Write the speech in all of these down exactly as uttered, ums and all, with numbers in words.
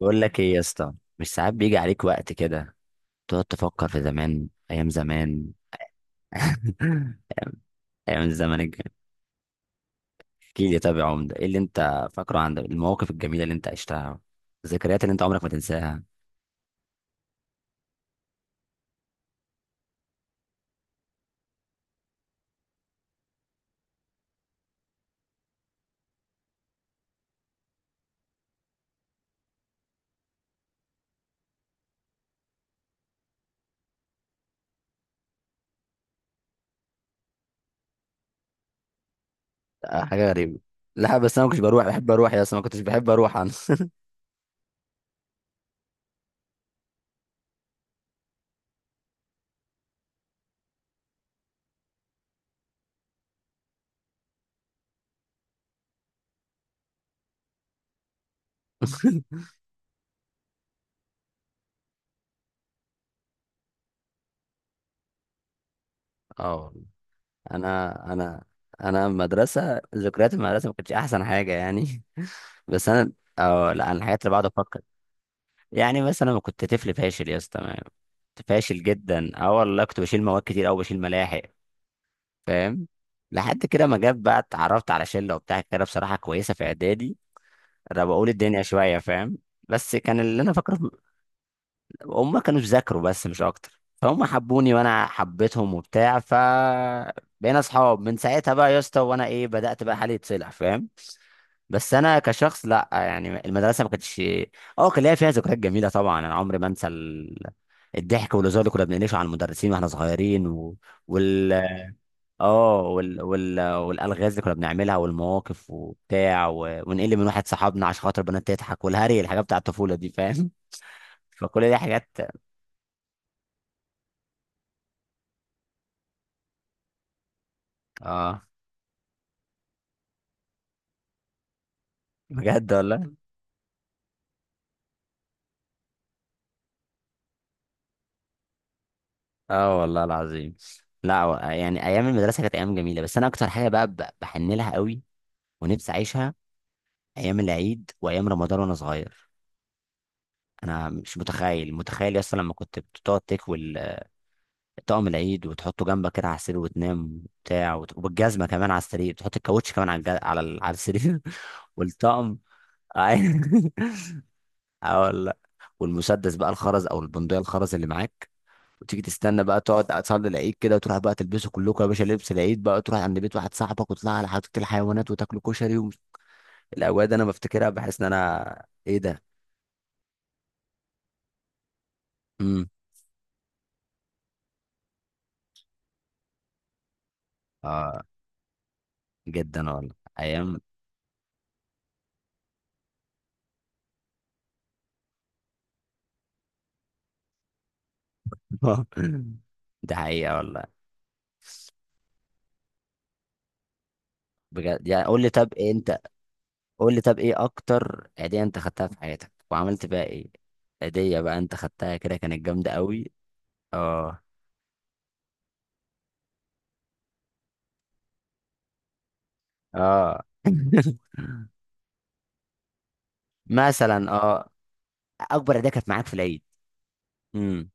بقول لك ايه يا اسطى، مش ساعات بيجي عليك وقت كده تقعد تفكر في زمان، ايام زمان. ايام الزمن الجميل. احكي لي طب يا عمده، ايه اللي انت فاكره عن المواقف الجميله اللي انت عشتها، الذكريات اللي انت عمرك ما تنساها؟ آه، حاجه غريبه. لا بس انا ما كنتش بروح، بحب اروح يا اسطى، ما كنتش بحب اروح انا. اه والله. انا انا انا مدرسه، ذكريات المدرسه ما كانتش احسن حاجه يعني. بس انا، اه لا انا الحاجات اللي بقعد افكر، يعني مثلا أنا كنت طفل فاشل يا اسطى. ما- كنت فاشل جدا، اه والله كنت بشيل مواد كتير او بشيل ملاحق، فاهم؟ لحد كده ما جت بقى، اتعرفت على شله وبتاع كده بصراحه كويسه في اعدادي. انا بقول الدنيا شويه، فاهم؟ بس كان اللي انا فاكره في- هم كانوا بيذاكروا بس مش اكتر، فهم حبوني وانا حبيتهم وبتاع، ف بقينا اصحاب من ساعتها بقى يا اسطى، وانا ايه بدات بقى حالي يتصلح، فاهم؟ بس انا كشخص لا، يعني المدرسه ما كانتش، اه كان ليا فيها ذكريات جميله طبعا، انا عمري ما انسى ال... الضحك والهزار اللي كنا بنقلشه على المدرسين واحنا صغيرين، و... وال اه وال... وال... والالغاز اللي كنا بنعملها والمواقف وبتاع، و... ونقل من واحد صاحبنا عشان خاطر بنات تضحك، والهري، الحاجات بتاع الطفوله دي، فاهم؟ فكل دي حاجات. اه بجد والله. اه والله العظيم. لا و- يعني ايام المدرسه كانت ايام جميله، بس انا اكتر حاجه بقى ب- بحن لها قوي ونفسي اعيشها، ايام العيد وايام رمضان وانا صغير. انا مش متخيل، متخيل يا اسطى لما كنت بتقعد تكوي طقم العيد وتحطه جنبك كده على السرير وتنام وبتاع، وت- وبالجزمه كمان على السرير، تحط الكاوتش كمان على الج... على ال- على السرير. والطقم. اه والله. والمسدس بقى الخرز او البندقيه الخرز اللي معاك، وتيجي تستنى بقى، تقعد تصلي العيد كده وتروح بقى تلبسوا كلكم يا باشا لبس العيد بقى، تروح عند بيت واحد صاحبك وتطلع على حديقه الحيوانات وتاكلوا كشري ومش... الاوقات دي انا بفتكرها بحس ان انا ايه ده. امم جدا والله، ايام. دي حقيقة والله. بجد، يعني قول لي، طب إيه انت، قول لي طب ايه اكتر هدية انت خدتها في حياتك وعملت بقى ايه؟ هدية بقى انت خدتها كده كانت جامدة قوي؟ اه. اه. مثلا اه، اكبر هدية كانت معاك في العيد. امم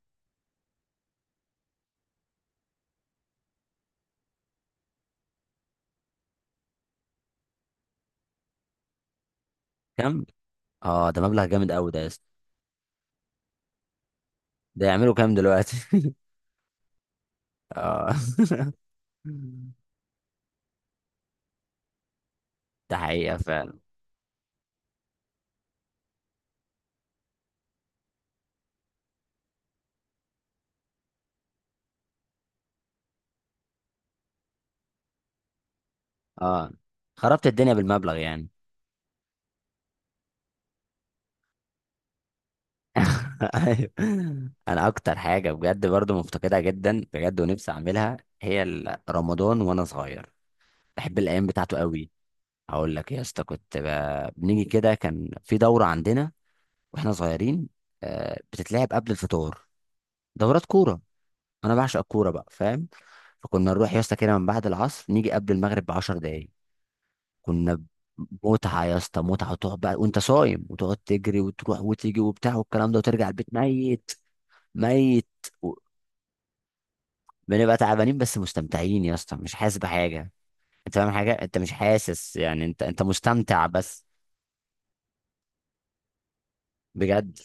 كم؟ اه ده مبلغ جامد قوي ده يا اسطى، ده يعملوا كام دلوقتي؟ اه، ده حقيقة فعلا. اه خربت الدنيا بالمبلغ يعني. ايوه. انا اكتر حاجه بجد برضو مفتقدها جدا بجد ونفسي اعملها، هي ال- رمضان وانا صغير، بحب الايام بتاعته قوي. هقول لك يا اسطى، كنت ب- بنيجي كده، كان في دوره عندنا واحنا صغيرين، آه، بتتلعب قبل الفطار، دورات كوره. انا بعشق الكوره بقى، فاهم؟ فكنا نروح يا اسطى كده من بعد العصر، نيجي قبل المغرب ب عشر دقايق. كنا ب- متعه يا اسطى، متعه. وتقعد بقى وانت صايم وتقعد تجري وتروح وتيجي وبتاع والكلام ده، وترجع البيت ميت، ميت. بنبقى تعبانين بس مستمتعين يا اسطى، مش حاسس بحاجه. انت فاهم حاجه؟ انت مش حاسس، يعني انت انت مستمتع بس. بجد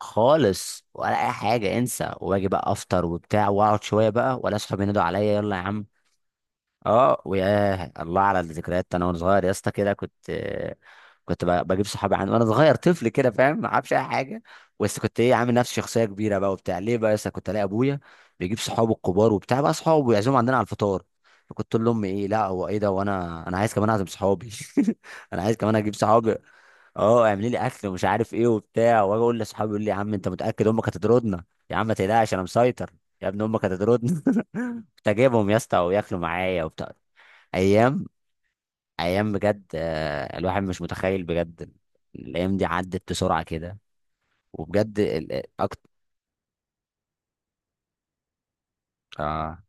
خالص، ولا اي حاجه انسى، واجي بقى افطر وبتاع، واقعد شويه بقى، ولا اصحابي ينادوا عليا، يلا يا عم. اه، وياه، الله على الذكريات. انا وانا صغير يا اسطى كده كنت آه، كنت ب- بجيب صحابي عندي وانا صغير طفل كده، فاهم؟ ما اعرفش اي حاجه، بس كنت ايه، عامل نفسي شخصيه كبيره بقى وبتاع. ليه بقى يا اسطى؟ كنت الاقي ابويا بيجيب صحابه الكبار وبتاع بقى، صحابه ويعزمهم عندنا على الفطار. فكنت اقول لامي ايه، لا هو ايه ده، وانا انا عايز كمان اعزم صحابي. انا عايز كمان اجيب صحابي. اه اعملي لي اكل ومش عارف ايه وبتاع. واجي اقول لاصحابي، يقول لي يا عم انت متاكد امك هتطردنا؟ يا عم ما تقلقش انا مسيطر. يا ابن امك هتطردنا. كنت اجيبهم يا اسطى وياكلوا معايا وبتاع. ايام، ايام بجد آه، الواحد مش متخيل بجد. الايام دي عدت بسرعه كده. وبجد ال... آه، أكت... اه.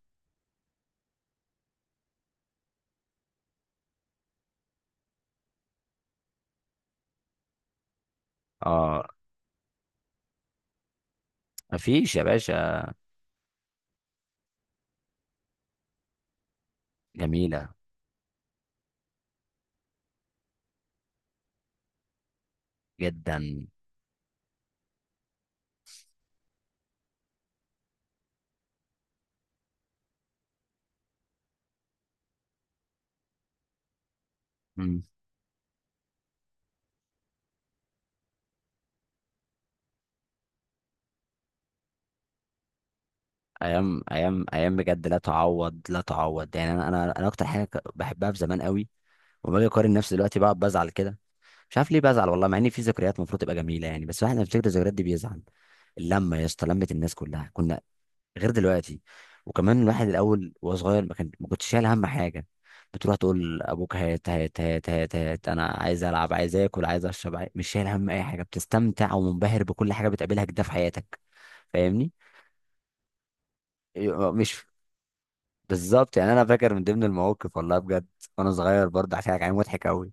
اه مفيش يا باشا. جميله جدا. مم. ايام، ايام، ايام بجد لا تعوض، لا تعوض. يعني انا انا انا اكتر حاجه ك- بحبها في زمان قوي، وما باجي اقارن نفسي دلوقتي بقعد بزعل كده. مش عارف ليه بزعل والله، مع ان في ذكريات المفروض تبقى جميله يعني، بس الواحد لما بيفتكر الذكريات دي بيزعل. اللمه يا اسطى، لمه الناس كلها، كنا غير دلوقتي. وكمان الواحد الاول وهو صغير، ما كان ما كنتش شايل هم حاجه، بتروح تقول لابوك هات هات هات هات هات، انا عايز العب، عايز اكل، عايز اشرب، عايز... مش شايل هم اي حاجه، بتستمتع ومنبهر بكل حاجه بتقابلها كده في حياتك. فاهمني؟ مش، بالظبط. يعني انا فاكر من ضمن المواقف، والله بجد، وانا صغير برضه هحكي لك عليه، مضحك قوي.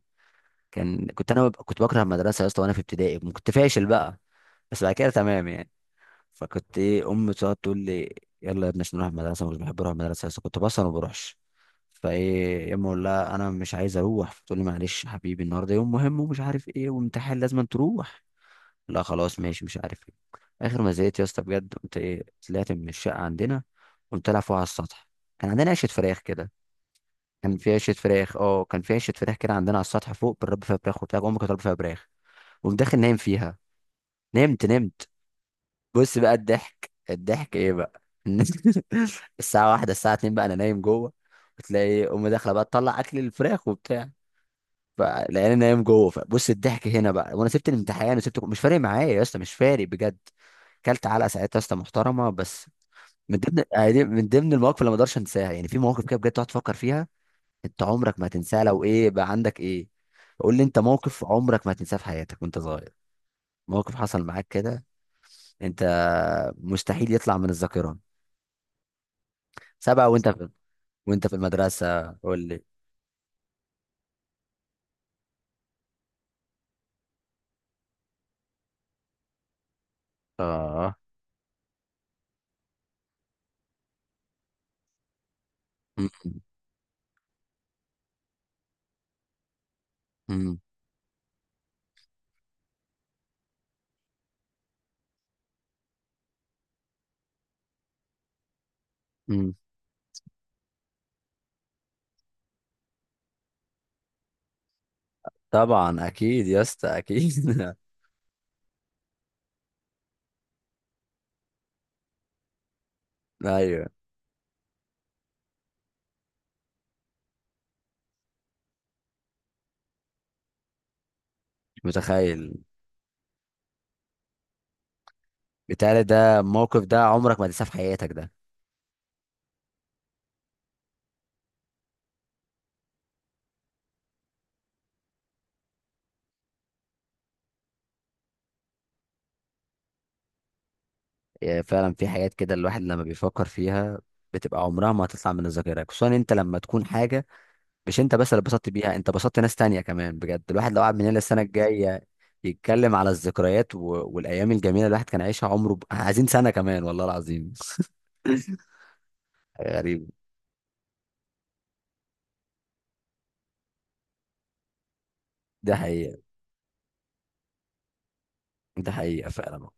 كان كنت انا بب- كنت بكره المدرسه يا اسطى، وانا في ابتدائي كنت فاشل بقى، بس بعد كده تمام يعني. فكنت ايه، امي تقعد تقول لي يلا يا ابني عشان نروح المدرسه، مش بحب اروح المدرسه، بس كنت بصل وما بروحش. فايه يا اما اقول لها انا مش عايز اروح، فتقول لي معلش يا حبيبي النهارده يوم مهم ومش عارف ايه، وامتحان لازم تروح. لا خلاص ماشي، مش عارف ايه. اخر ما زهقت يا اسطى بجد، قمت ايه، طلعت من الشقه عندنا، قمت العب فوق على السطح. كان عندنا عشه فراخ كده، كان في عشه فراخ، اه كان في عشه فراخ كده عندنا على السطح فوق، بنربي فيها فراخ وبتاع، امي كانت بتربي فيها فراخ. قمت داخل نايم فيها، نمت نمت. بص بقى الضحك، الضحك ايه بقى. الساعة واحدة، الساعة اتنين بقى انا نايم جوه، وتلاقي امي داخلة بقى تطلع اكل الفراخ وبتاع، فلقيني نايم جوه، فبص الضحك هنا بقى. وانا سبت الامتحان وسبت، مش فارق معايا يا اسطى، مش فارق بجد. كلت علقة ساعتها يا اسطى محترمة، بس من ضمن يعني، من ضمن المواقف اللي ما اقدرش انساها. يعني في مواقف كده بجد تقعد تفكر فيها، انت عمرك ما هتنساها. لو ايه بقى، عندك ايه؟ قول لي انت، موقف عمرك ما هتنساه في حياتك وانت صغير، موقف حصل معاك كده انت، مستحيل يطلع من الذاكرة. سبعة وانت في، وانت في المدرسة، قول لي. اه. م- م- م. طبعا اكيد يا اسطى اكيد. ايوه، مش متخيل. بالتالي ده الموقف ده عمرك ما تنساه في حياتك ده. يعني فعلا في حاجات كده الواحد لما بيفكر فيها بتبقى عمرها ما هتطلع من الذاكرة، خصوصا انت لما تكون حاجة مش انت بس اللي اتبسطت بيها، انت بسطت ناس تانية كمان. بجد الواحد لو قعد من هنا السنة الجاية يتكلم على الذكريات و... والايام الجميلة الواحد كان عايشها عمره ب... عايزين سنة كمان والله العظيم. غريب. ده حقيقة. ده حقيقة فعلا.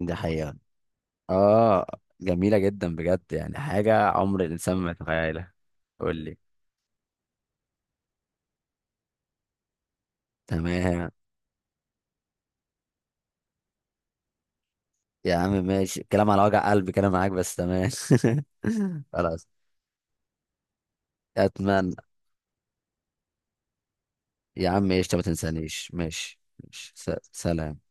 ده حقيقة. اه جميلة جدا بجد، يعني حاجة عمر الإنسان ما يتخيلها. قول لي. تمام. يا عم ماشي، كلام على وجع قلبي كده معاك، بس تمام. خلاص. أتمنى. يا عم ايش، ما تنسانيش، ماشي ماشي، س- سلام.